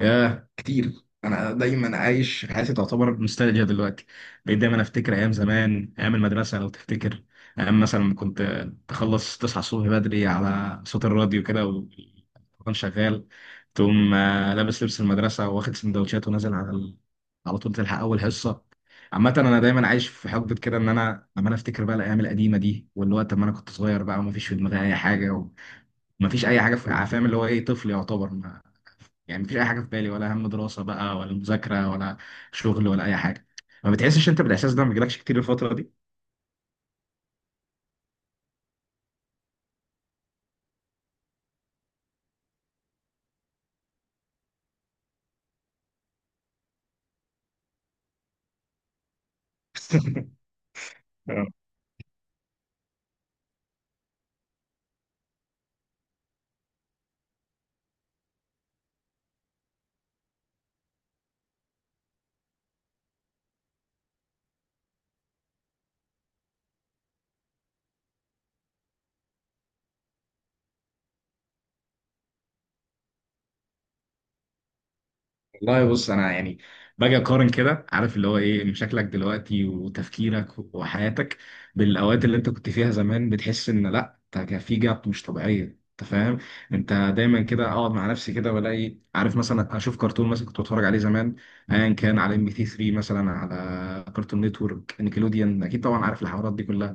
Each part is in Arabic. ياه كتير. انا دايما عايش حياتي تعتبر نوستالجيا دلوقتي. بقيت دايما افتكر ايام زمان، ايام المدرسه لو تفتكر. ايام مثلا لما كنت تخلص تصحى الصبح بدري على صوت الراديو كده والتليفون شغال. تقوم لابس لبس المدرسه واخد سندوتشات ونازل على على طول تلحق اول حصه. عامة أنا دايما عايش في حقبة كده، إن أنا لما أنا أفتكر بقى الأيام القديمة دي واللي هو لما أنا كنت صغير بقى ومفيش في دماغي أي حاجة. ومفيش أي حاجة في، فاهم اللي هو إيه، طفل يعتبر. يعني مفيش اي حاجه في بالي، ولا هم دراسه بقى ولا مذاكره ولا شغل ولا اي حاجه. ما بتحسش انت بالاحساس ده؟ ما بيجيلكش كتير الفتره دي؟ آه. والله بص انا يعني باجي اقارن كده، عارف اللي هو ايه، شكلك دلوقتي وتفكيرك وحياتك بالاوقات اللي انت كنت فيها زمان. بتحس ان لا، انت كان في جاب مش طبيعيه، انت فاهم. انت دايما كده اقعد مع نفسي كده والاقي، عارف، مثلا اشوف كرتون مثلا كنت بتفرج عليه زمان، ايا كان، على ام بي تي 3 مثلا، على كرتون نتورك، نيكلوديان، اكيد طبعا عارف الحوارات دي كلها.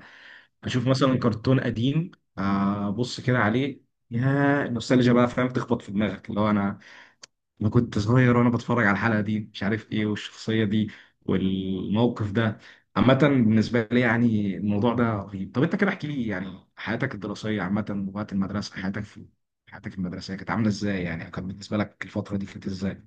اشوف مثلا كرتون قديم، ابص كده عليه، يا نوستالجيا بقى، فاهم، تخبط في دماغك اللي هو انا انا كنت صغير وانا بتفرج على الحلقه دي، مش عارف ايه، والشخصيه دي والموقف ده. عامة بالنسبة لي يعني الموضوع ده رهيب. طب انت كده احكي لي يعني حياتك الدراسية عامة وقت المدرسة، حياتك المدرسية كانت عاملة ازاي؟ يعني كانت بالنسبة لك الفترة دي كانت ازاي؟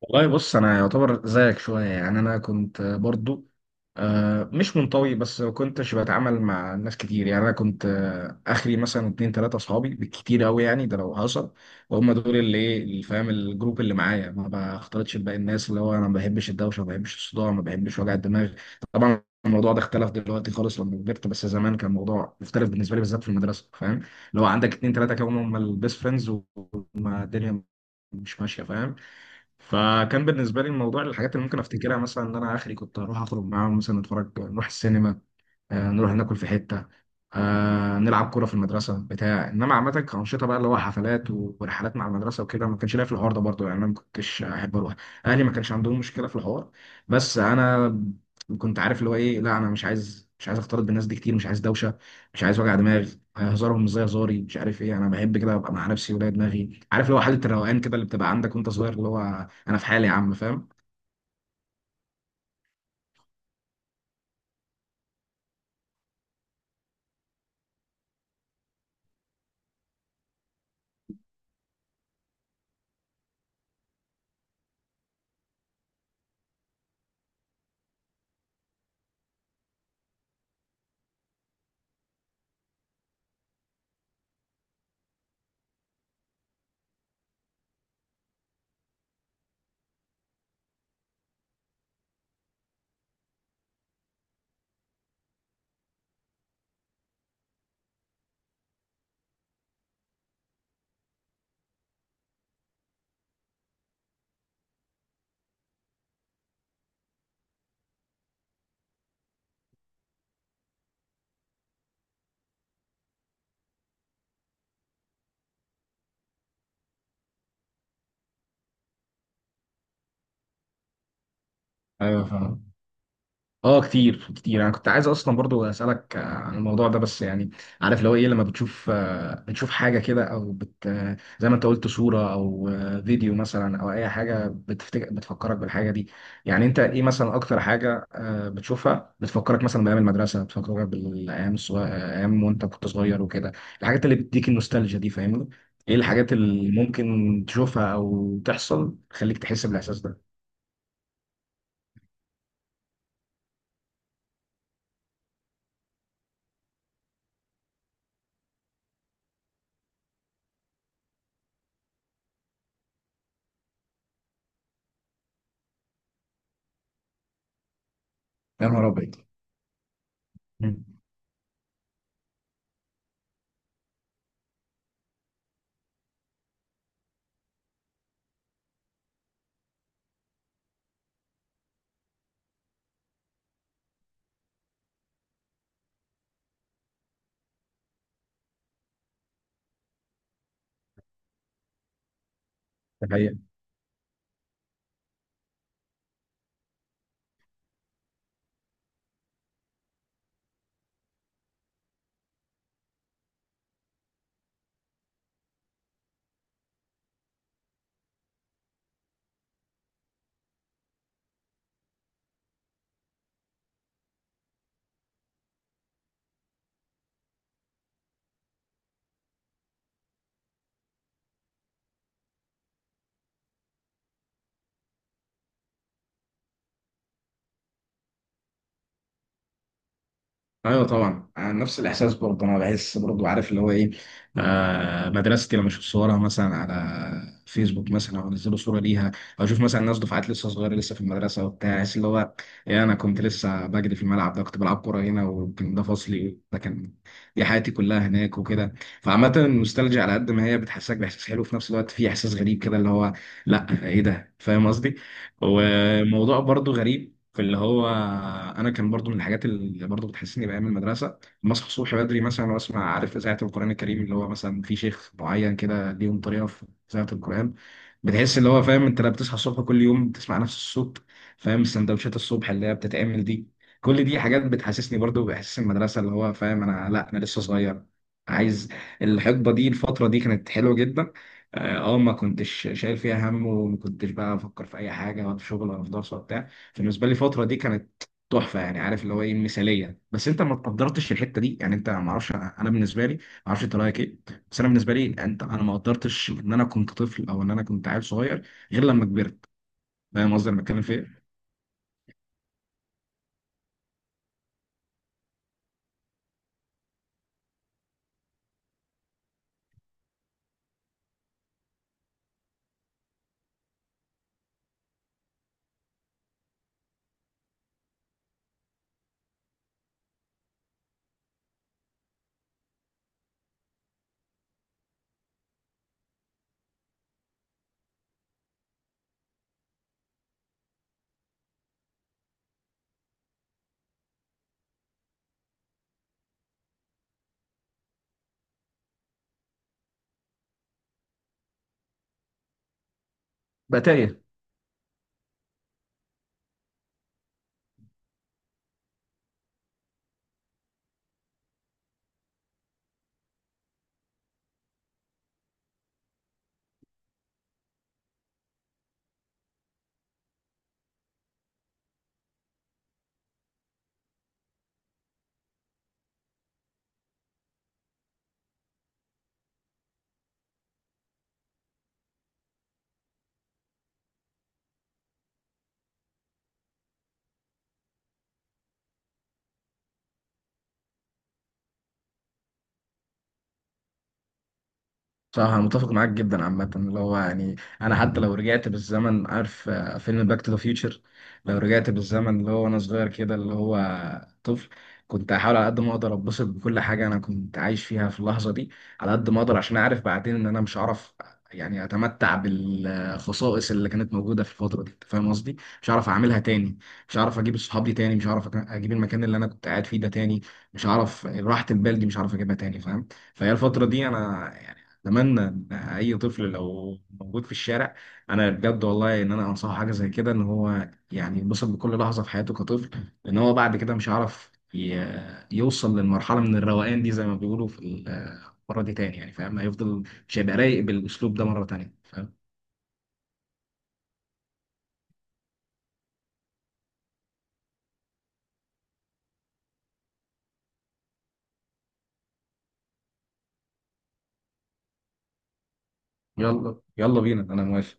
والله بص انا يعتبر زيك شويه، يعني انا كنت برضو مش منطوي، بس ما كنتش بتعامل مع ناس كتير. يعني انا كنت اخري مثلا اتنين تلاته اصحابي بالكتير قوي يعني، ده لو حصل. وهم دول اللي، ايه اللي، فاهم، الجروب اللي معايا، ما بختلطش بباقي الناس. اللي هو انا ما بحبش الدوشه، ما بحبش الصداع، ما بحبش وجع الدماغ. طبعا الموضوع ده اختلف دلوقتي خالص لما كبرت، بس زمان كان الموضوع مختلف بالنسبه لي بالذات في المدرسه، فاهم. اللي هو عندك اتنين تلاته كانوا هم البيست فريندز والدنيا مش ماشيه، فاهم. فكان بالنسبه لي الموضوع، الحاجات اللي ممكن افتكرها مثلا ان انا اخري كنت اروح اخرج معاهم، مثلا اتفرج نروح السينما، نروح ناكل في حتة، نلعب كورة في المدرسة بتاع. إنما عامة كأنشطة بقى اللي هو حفلات ورحلات مع المدرسة وكده، ما كانش ليا في الحوار ده برضه. يعني أنا ما كنتش أحب أروح. أهلي ما كانش عندهم مشكلة في الحوار، بس أنا كنت عارف اللي هو إيه، لا أنا مش عايز أختلط بالناس دي كتير، مش عايز دوشة، مش عايز وجع دماغ. هزارهم مش زي هزاري، مش عارف إيه، أنا بحب كده أبقى مع نفسي ولا دماغي، عارف اللي هو حالة الروقان كده اللي بتبقى عندك وأنت صغير، اللي هو أنا في حالي يا عم، فاهم؟ ايوه فاهم. اه كتير كتير، انا كنت عايز اصلا برضو اسالك عن الموضوع ده، بس يعني عارف اللي هو ايه، لما بتشوف بتشوف حاجه كده، او بت آه، زي ما انت قلت صوره او فيديو مثلا، او اي حاجه بتفتكر بتفكرك بالحاجه دي. يعني انت ايه مثلا اكتر حاجه بتشوفها بتفكرك مثلا بايام المدرسه، بتفكرك بالايام الصغير، ايام وانت كنت صغير وكده، الحاجات اللي بتديك النوستالجيا دي، فاهمني؟ ايه الحاجات اللي ممكن تشوفها او تحصل تخليك تحس بالاحساس ده؟ يا نهار ابيض. مم. ده حقيقة. ايوه طبعا، أنا نفس الاحساس برضه. انا بحس برضه، عارف اللي هو ايه، آه مدرستي لما اشوف صورها مثلا على فيسبوك، مثلا او انزلوا صوره ليها، او اشوف مثلا ناس دفعات لسه صغيره لسه في المدرسه وبتاع، احس اللي هو ايه، انا كنت لسه بجري في الملعب ده، كنت بلعب كوره هنا، وكان ده فصلي، ده كان دي حياتي كلها هناك وكده. فعامه النوستالجيا على قد ما هي بتحسسك باحساس حلو، في نفس الوقت في احساس غريب كده اللي هو لا ايه ده، فاهم قصدي. وموضوع برضه غريب. فاللي هو انا كان برضو من الحاجات اللي برضو بتحسسني بايام المدرسه، لما اصحى الصبح بدري مثلا واسمع، عارف، اذاعه القران الكريم اللي هو مثلا في شيخ معين كده ليهم طريقه في اذاعه القران، بتحس اللي هو، فاهم، انت لما بتصحى الصبح كل يوم بتسمع نفس الصوت، فاهم. السندوتشات الصبح اللي هي بتتعمل دي، كل دي حاجات بتحسسني برضو باحساس المدرسه، اللي هو فاهم، انا لا انا لسه صغير، عايز الحقبه دي الفتره دي كانت حلوه جدا. اه ما كنتش شايل فيها هم، وما كنتش بقى افكر في اي حاجه، ولا في شغل ولا في دراسه وبتاع. بالنسبه لي الفتره دي كانت تحفه يعني، عارف اللي هو ايه، مثاليه، بس انت ما قدرتش الحته دي يعني، انت ما اعرفش، انا بالنسبه لي، ما اعرفش انت رايك ايه، بس انا بالنسبه لي يعني، انت انا ما قدرتش ان انا كنت طفل او ان انا كنت عيل صغير غير لما كبرت، فاهم قصدي انا بتكلم في ايه؟ بقى تايه. صح، انا متفق معاك جدا. عامه اللي هو يعني انا حتى لو رجعت بالزمن، عارف فيلم باك تو ذا فيوتشر، لو رجعت بالزمن اللي هو وانا صغير كده اللي هو طفل، كنت هحاول على قد ما اقدر اتبسط بكل حاجه انا كنت عايش فيها في اللحظه دي، على قد ما اقدر، عشان اعرف بعدين ان انا مش هعرف. يعني اتمتع بالخصائص اللي كانت موجوده في الفتره دي، انت فاهم قصدي، مش هعرف اعملها تاني. مش هعرف اجيب الصحاب دي تاني، مش هعرف اجيب المكان اللي انا كنت قاعد فيه ده تاني، مش هعرف راحه البال دي، مش هعرف اجيبها تاني، فاهم. فهي الفترة دي أنا اتمنى ان اي طفل لو موجود في الشارع، انا بجد والله ان انا انصحه حاجه زي كده، ان هو يعني ينبسط بكل لحظه في حياته كطفل، لان هو بعد كده مش هيعرف يوصل للمرحله من الروقان دي، زي ما بيقولوا، في المره دي تاني يعني، فاهم، هيفضل مش هيبقى رايق بالاسلوب ده مره تانيه، فاهم. يلا يلا بينا، انا موافق.